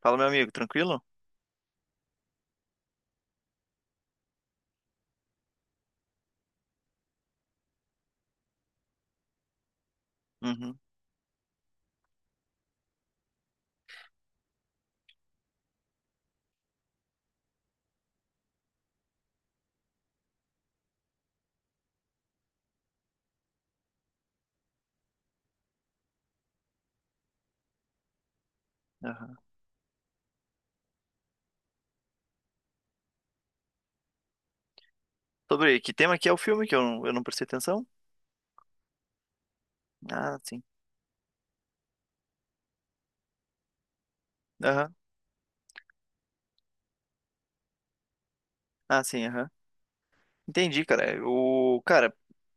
Fala, meu amigo, tranquilo? Uhum, aham. Sobre que tema que é o filme que eu não prestei atenção? Ah, sim. Aham. Ah, sim, aham. Entendi, cara. O cara,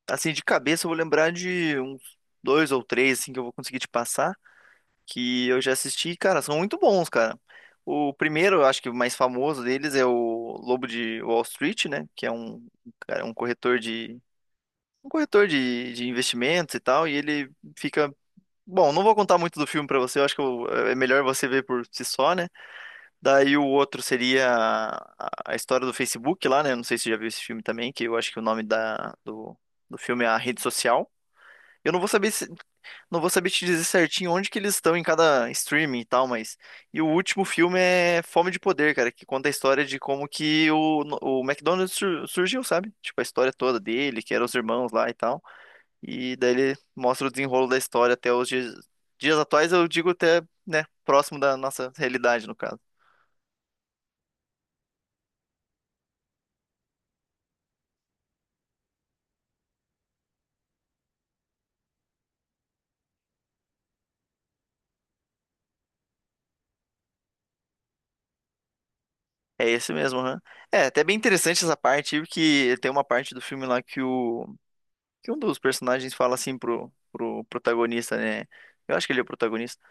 assim, de cabeça eu vou lembrar de uns dois ou três assim que eu vou conseguir te passar, que eu já assisti, cara, são muito bons, cara. O primeiro, eu acho que o mais famoso deles é o Lobo de Wall Street, né, que é um, cara, um corretor de investimentos e tal, e ele fica. Bom, não vou contar muito do filme pra você, eu acho que é melhor você ver por si só, né? Daí o outro seria a história do Facebook lá, né? Não sei se você já viu esse filme também, que eu acho que o nome do filme é A Rede Social. Eu não vou saber se- Não vou saber te dizer certinho onde que eles estão em cada streaming e tal. Mas e o último filme é Fome de Poder, cara, que conta a história de como que o McDonald's surgiu, sabe? Tipo a história toda dele, que eram os irmãos lá e tal. E daí ele mostra o desenrolo da história até os dias atuais, eu digo até, né, próximo da nossa realidade, no caso. É esse mesmo, né? É, até bem interessante essa parte, porque tem uma parte do filme lá que o que um dos personagens fala assim pro, pro protagonista, né? Eu acho que ele é o protagonista.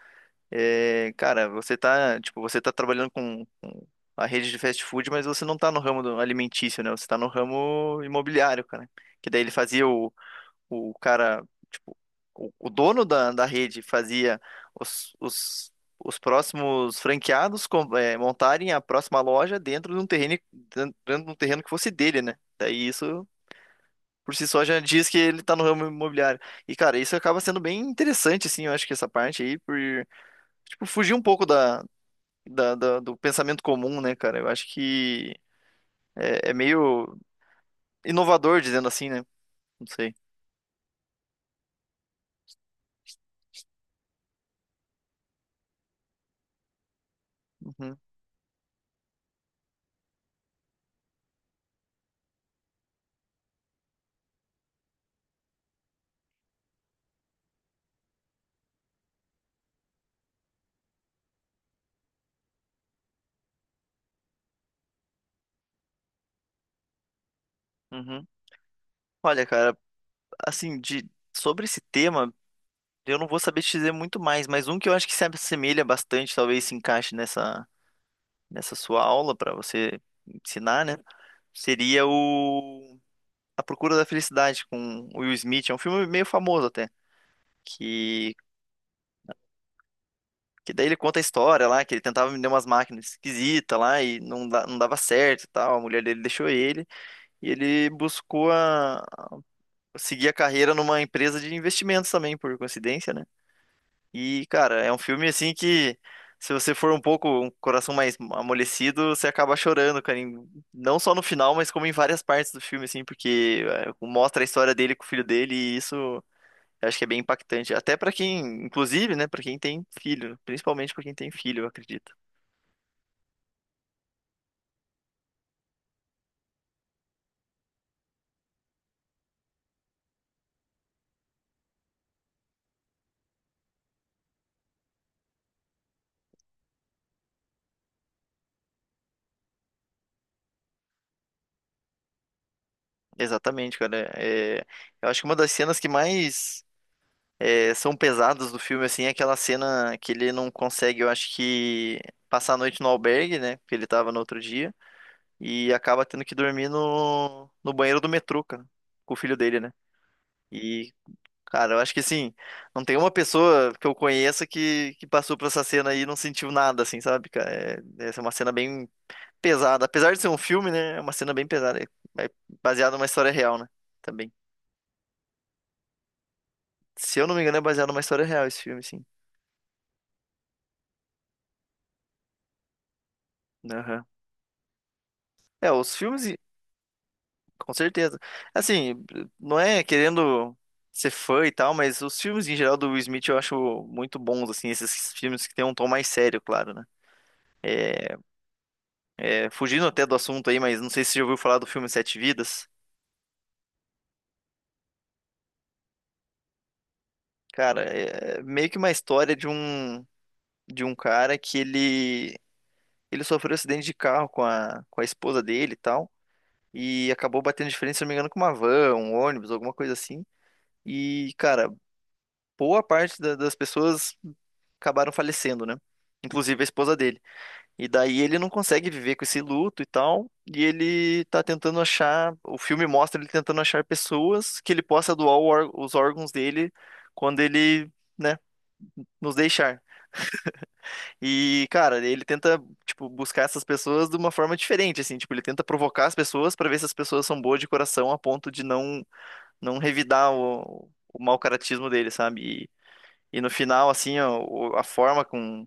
É, cara, você tá, tipo, você tá trabalhando com a rede de fast food, mas você não tá no ramo alimentício, né? Você tá no ramo imobiliário, cara. Que daí ele fazia o cara, tipo, o dono da rede fazia os, os, os próximos franqueados montarem a próxima loja dentro de um terreno, que fosse dele, né? Daí isso por si só já diz que ele tá no ramo imobiliário. E, cara, isso acaba sendo bem interessante, assim, eu acho que essa parte aí, tipo, fugir um pouco do pensamento comum, né, cara? Eu acho que é meio inovador, dizendo assim, né? Não sei. Uhum, uhum. Olha, cara, assim, de sobre esse tema, eu não vou saber te dizer muito mais, mas um que eu acho que se assemelha bastante, talvez se encaixe nessa sua aula para você ensinar, né? Seria o A Procura da Felicidade com o Will Smith, é um filme meio famoso até, que que daí ele conta a história lá, que ele tentava vender umas máquinas esquisitas lá e não, não dava certo e tal, a mulher dele deixou ele e ele buscou seguir a carreira numa empresa de investimentos também, por coincidência, né? E, cara, é um filme assim que se você for um pouco um coração mais amolecido, você acaba chorando, cara, não só no final, mas como em várias partes do filme assim, porque mostra a história dele com o filho dele e isso eu acho que é bem impactante, até pra quem, inclusive, né, pra quem tem filho, principalmente pra quem tem filho, eu acredito. Exatamente, cara. É, eu acho que uma das cenas que mais são pesadas do filme assim é aquela cena que ele não consegue, eu acho que passar a noite no albergue, né, porque ele tava no outro dia, e acaba tendo que dormir no banheiro do metrô, cara, com o filho dele, né? E, cara, eu acho que assim, não tem uma pessoa que eu conheça que passou por essa cena aí e não sentiu nada, assim, sabe, cara? É, essa é uma cena bem pesada. Apesar de ser um filme, né? É uma cena bem pesada. É baseado numa história real, né? Também. Se eu não me engano, é baseado numa história real esse filme, sim. Aham. É, os filmes. Com certeza. Assim, não é querendo ser fã e tal, mas os filmes em geral do Will Smith eu acho muito bons, assim, esses filmes que tem um tom mais sério, claro, né? É, fugindo até do assunto aí, mas não sei se você já ouviu falar do filme Sete Vidas. Cara, é meio que uma história de um cara que ele sofreu um acidente de carro com a esposa dele e tal, e acabou batendo de frente, se não me engano, com uma van, um ônibus, alguma coisa assim. E, cara, boa parte das pessoas acabaram falecendo, né? Inclusive a esposa dele. E daí ele não consegue viver com esse luto e tal. E ele tá tentando achar. O filme mostra ele tentando achar pessoas que ele possa doar os órgãos dele quando ele, né, nos deixar. E, cara, ele tenta, tipo, buscar essas pessoas de uma forma diferente, assim. Tipo, ele tenta provocar as pessoas pra ver se as pessoas são boas de coração a ponto de não revidar o mau caratismo dele, sabe? E no final, assim, ó, o- a forma com,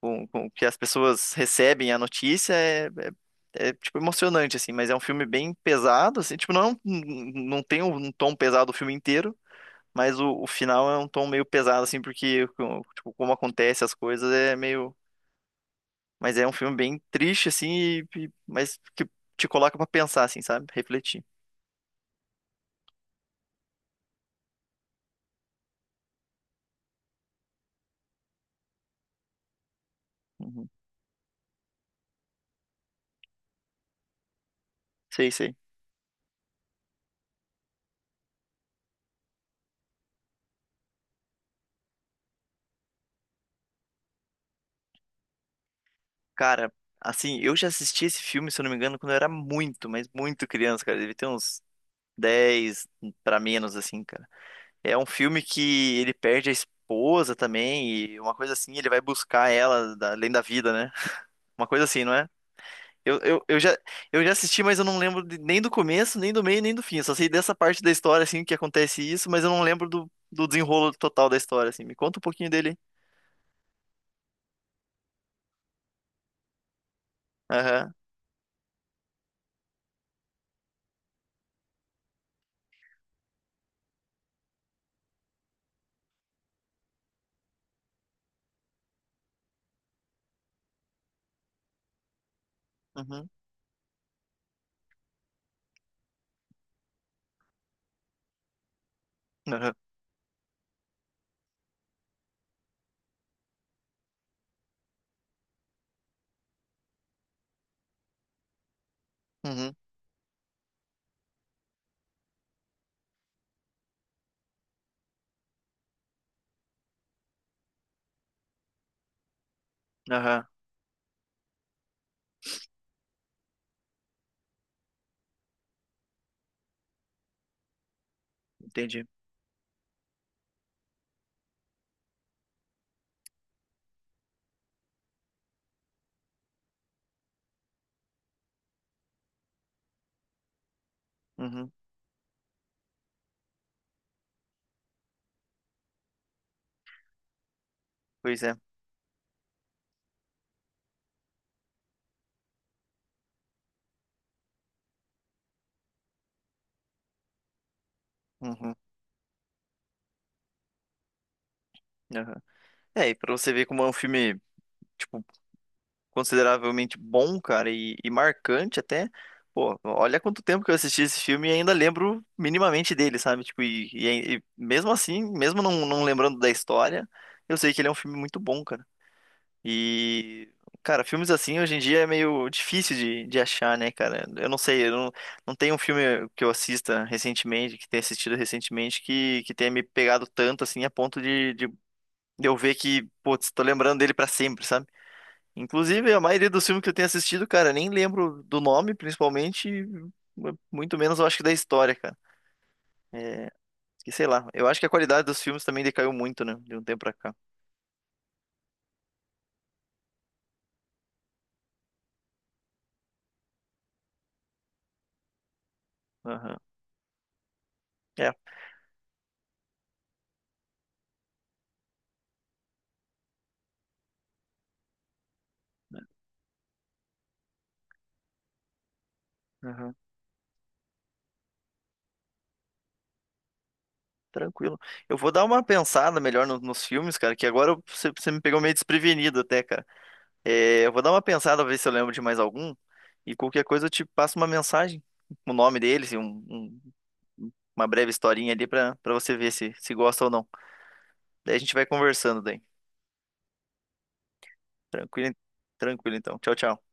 com, com que as pessoas recebem a notícia tipo, emocionante, assim. Mas é um filme bem pesado, assim. Tipo, não, não tem um tom pesado o filme inteiro, mas o final é um tom meio pesado, assim, porque, com- tipo, como acontece as coisas é meio. Mas é um filme bem triste, assim, mas que te coloca pra pensar, assim, sabe? Refletir. Uhum. Sei, sei. Cara, assim, eu já assisti esse filme, se eu não me engano, quando eu era muito, mas muito criança, cara. Deve ter uns 10 pra menos, assim, cara. É um filme que ele perde a esposa também, e uma coisa assim, ele vai buscar ela além da vida, né? Uma coisa assim, não é? Eu, eu, eu já, eu já assisti, mas eu não lembro nem do começo, nem do meio, nem do fim. Eu só sei dessa parte da história, assim, que acontece isso, mas eu não lembro do desenrolo total da história, assim. Me conta um pouquinho dele, hein? Aham, uhum, aham, uhum, aham, entendi. Uhum, pois é. Uhum, aham. É, e pra você ver como é um filme, tipo, consideravelmente bom, cara, e marcante até. Pô, olha quanto tempo que eu assisti esse filme e ainda lembro minimamente dele, sabe? Tipo, e mesmo assim, mesmo não, não lembrando da história, eu sei que ele é um filme muito bom, cara. E, cara, filmes assim hoje em dia é meio difícil de achar, né, cara? Eu não sei, eu não, não tem um filme que eu assista recentemente, que tenha assistido recentemente, que tenha me pegado tanto, assim, a ponto de eu ver que, putz, tô lembrando dele pra sempre, sabe? Inclusive, a maioria dos filmes que eu tenho assistido, cara, nem lembro do nome, principalmente, e muito menos eu acho que da história, cara. É, que sei lá, eu acho que a qualidade dos filmes também decaiu muito, né, de um tempo pra cá. Aham. É, aham. Tranquilo. Eu vou dar uma pensada melhor nos filmes, cara, que agora você me pegou meio desprevenido até, cara. É, eu vou dar uma pensada, ver se eu lembro de mais algum, e qualquer coisa eu te passo uma mensagem, o nome deles e uma breve historinha ali pra você ver se, gosta ou não. Daí a gente vai conversando daí. Tranquilo, tranquilo então. Tchau, tchau.